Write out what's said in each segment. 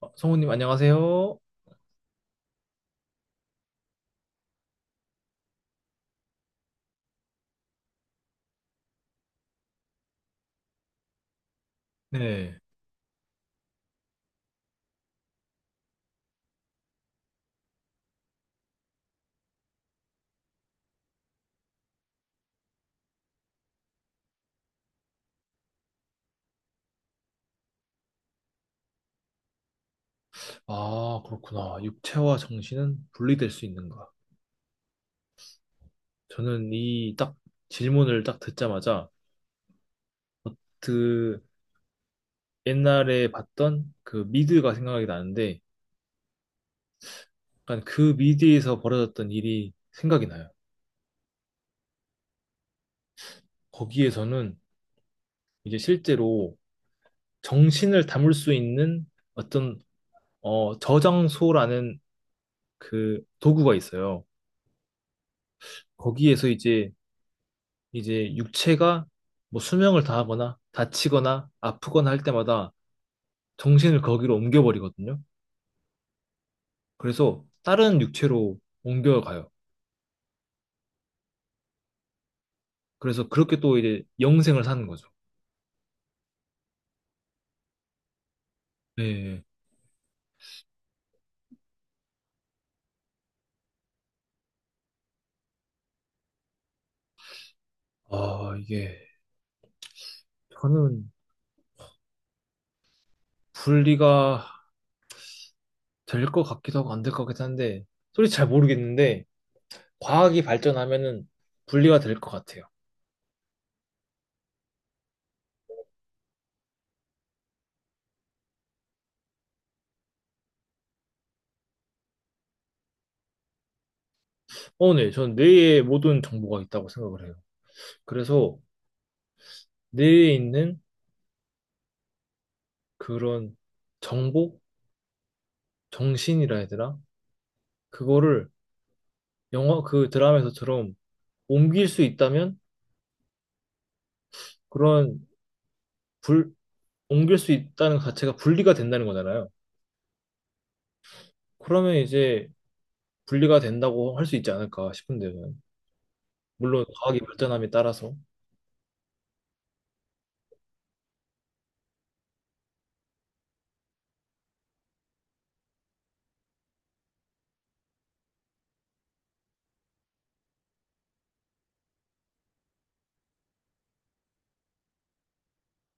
아, 성우님, 안녕하세요. 네. 아, 그렇구나. 육체와 정신은 분리될 수 있는가? 저는 이 딱 질문을 딱 듣자마자 그 옛날에 봤던 그 미드가 생각이 나는데 약간 그 미드에서 벌어졌던 일이 생각이 나요. 거기에서는 이제 실제로 정신을 담을 수 있는 어떤 저장소라는 그 도구가 있어요. 거기에서 이제 육체가 뭐 수명을 다하거나 다치거나 아프거나 할 때마다 정신을 거기로 옮겨버리거든요. 그래서 다른 육체로 옮겨가요. 그래서 그렇게 또 이제 영생을 사는 거죠. 네. 아, 이게 저는 분리가 될 것 같기도 하고 안 될 것 같긴 한데 솔직히 잘 모르겠는데 과학이 발전하면은 분리가 될 것 같아요. 어네전 뇌에 모든 정보가 있다고 생각을 해요. 그래서 뇌에 있는 그런 정보? 정신이라 해야 되나? 그거를 영화 그 드라마에서처럼 옮길 수 있다면 그런 불 옮길 수 있다는 자체가 분리가 된다는 거잖아요. 그러면 이제 분리가 된다고 할 수 있지 않을까 싶은데요, 저는. 물론 과학이 발전함에 따라서.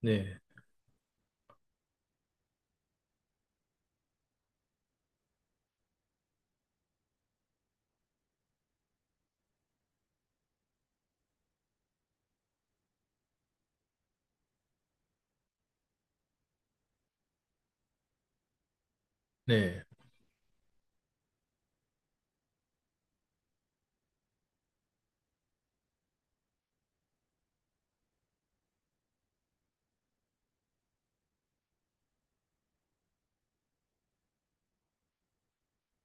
네. 네.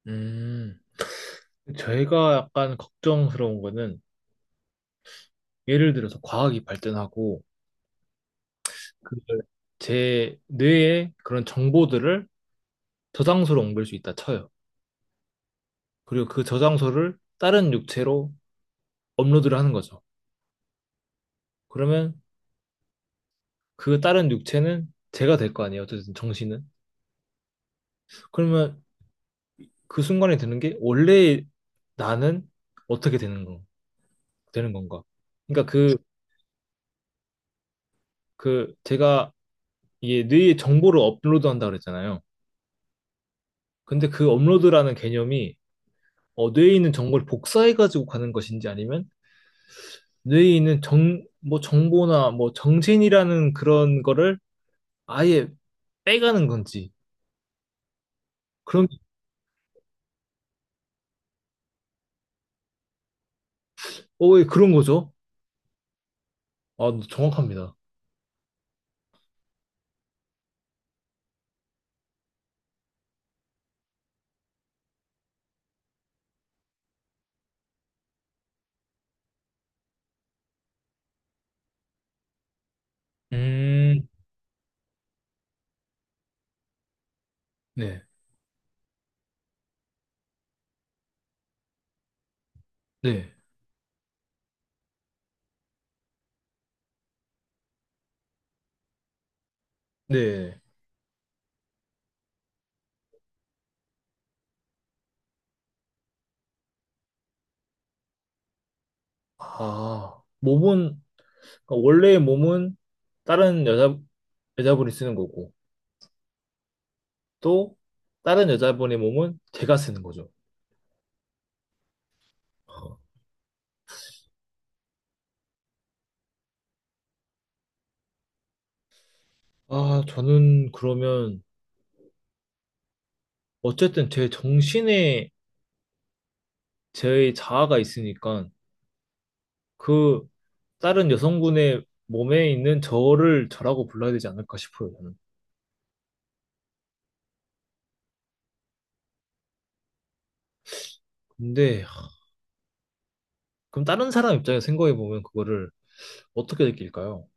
음. 제가 약간 걱정스러운 거는 예를 들어서 과학이 발전하고 그걸 제 뇌에 그런 정보들을 저장소로 옮길 수 있다 쳐요. 그리고 그 저장소를 다른 육체로 업로드를 하는 거죠. 그러면 그 다른 육체는 제가 될 거 아니에요, 어쨌든 정신은. 그러면 그 순간에 드는 게 원래 나는 어떻게 되는 거, 되는 건가? 그러니까 그 제가 이게 뇌에 정보를 업로드한다 그랬잖아요. 근데 그 업로드라는 개념이 뇌에 있는 정보를 복사해가지고 가는 것인지 아니면 뇌에 있는 뭐 정보나 뭐 정신이라는 그런 거를 아예 빼가는 건지 그런, 어, 예, 그런 거죠. 아, 정확합니다. 음, 네, 네, 네. 아, 그러니까 원래의 몸은 다른 여자, 여자분이 쓰는 거고, 또 다른 여자분의 몸은 제가 쓰는 거죠. 어. 아, 저는 그러면, 어쨌든 제 정신에 제 자아가 있으니까, 그 다른 여성분의 몸에 있는 저를 저라고 불러야 되지 않을까 싶어요, 저는. 근데, 하, 그럼 다른 사람 입장에서 생각해보면 그거를 어떻게 느낄까요?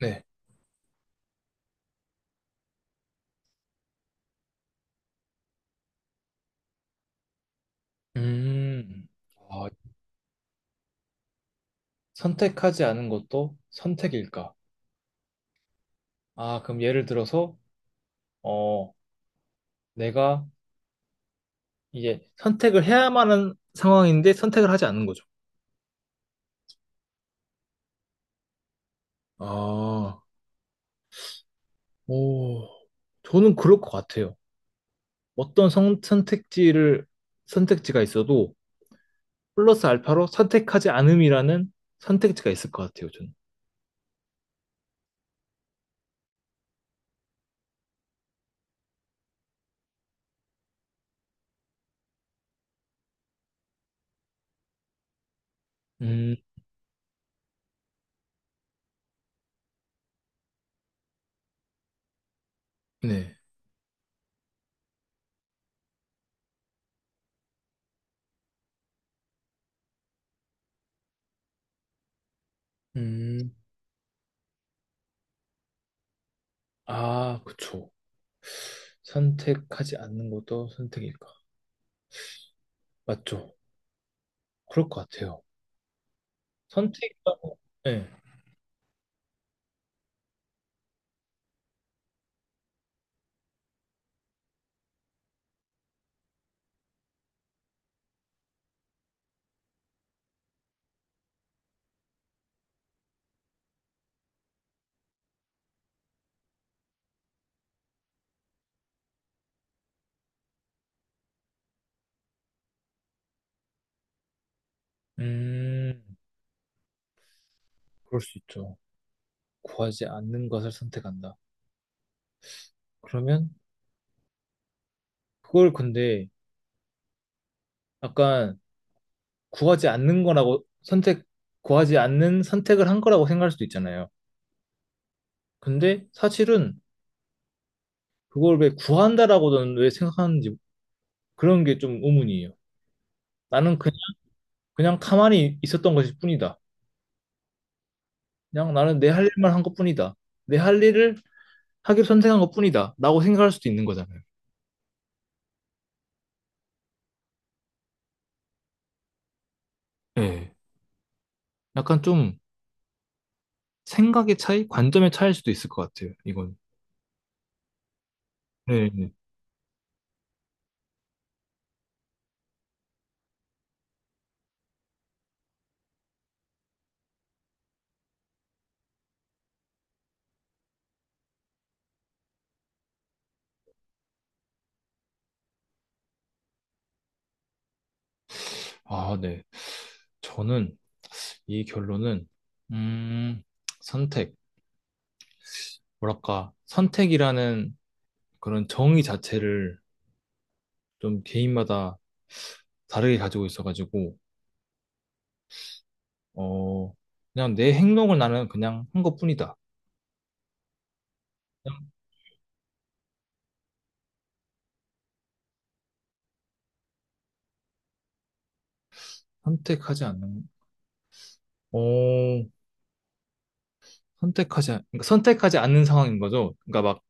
네. 음, 아, 선택하지 않은 것도 선택일까? 아, 그럼 예를 들어서, 어, 내가 이제 선택을 해야만 하는 상황인데 선택을 하지 않는 거죠. 아, 오, 저는 그럴 것 같아요. 어떤 선택지를, 선택지가 있어도 플러스 알파로 선택하지 않음이라는 선택지가 있을 것 같아요, 저는. 음, 네. 음, 아, 그쵸. 선택하지 않는 것도 선택일까? 맞죠. 그럴 것 같아요. 선택이라고, 네. 음, 그럴 수 있죠. 구하지 않는 것을 선택한다. 그러면 그걸 근데 약간 구하지 않는 거라고 선택, 구하지 않는 선택을 한 거라고 생각할 수도 있잖아요. 근데 사실은 그걸 왜 구한다라고는 왜 생각하는지 그런 게 좀 의문이에요. 나는 그냥, 그냥 가만히 있었던 것일 뿐이다. 그냥 나는 내 할 일만 한 것뿐이다. 내 할 일을 하기로 선택한 것뿐이다 라고 생각할 수도 있는 거잖아요. 예. 약간 좀 생각의 차이, 관점의 차이일 수도 있을 것 같아요, 이건. 네. 네. 아, 네. 저는 이 결론은, 음, 선택. 뭐랄까, 선택이라는 그런 정의 자체를 좀 개인마다 다르게 가지고 있어가지고, 어, 그냥 내 행동을 나는 그냥 한 것뿐이다. 그냥 선택하지 않는, 어, 선택하지, 않- 그러니까 선택하지 않는 상황인 거죠. 그러니까 막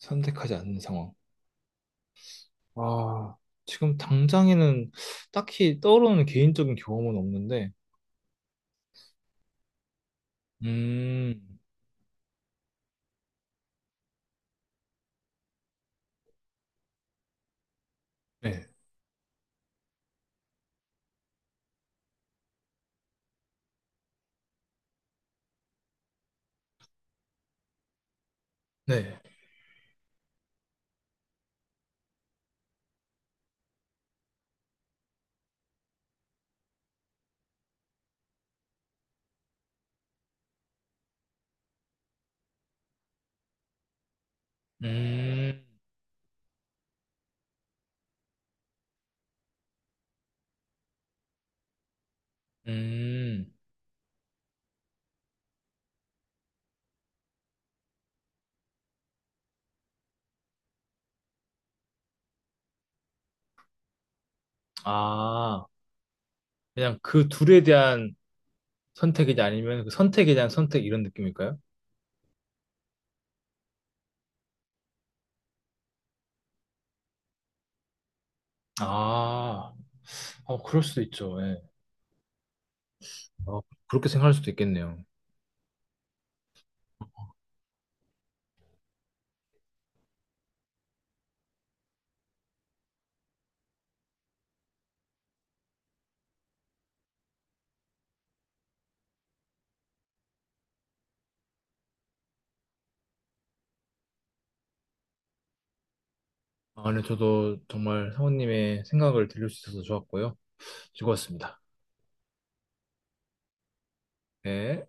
선택하지 않는 상황. 아, 지금 당장에는 딱히 떠오르는 개인적인 경험은 없는데, 음, 네. 네. 음, 음, 아, 그냥 그 둘에 대한 선택이지 아니면 그 선택에 대한 선택 이런 느낌일까요? 아, 어, 그럴 수도 있죠. 예. 어, 그렇게 생각할 수도 있겠네요. 아, 네, 저도 정말 사모님의 생각을 들을 수 있어서 좋았고요. 즐거웠습니다. 네.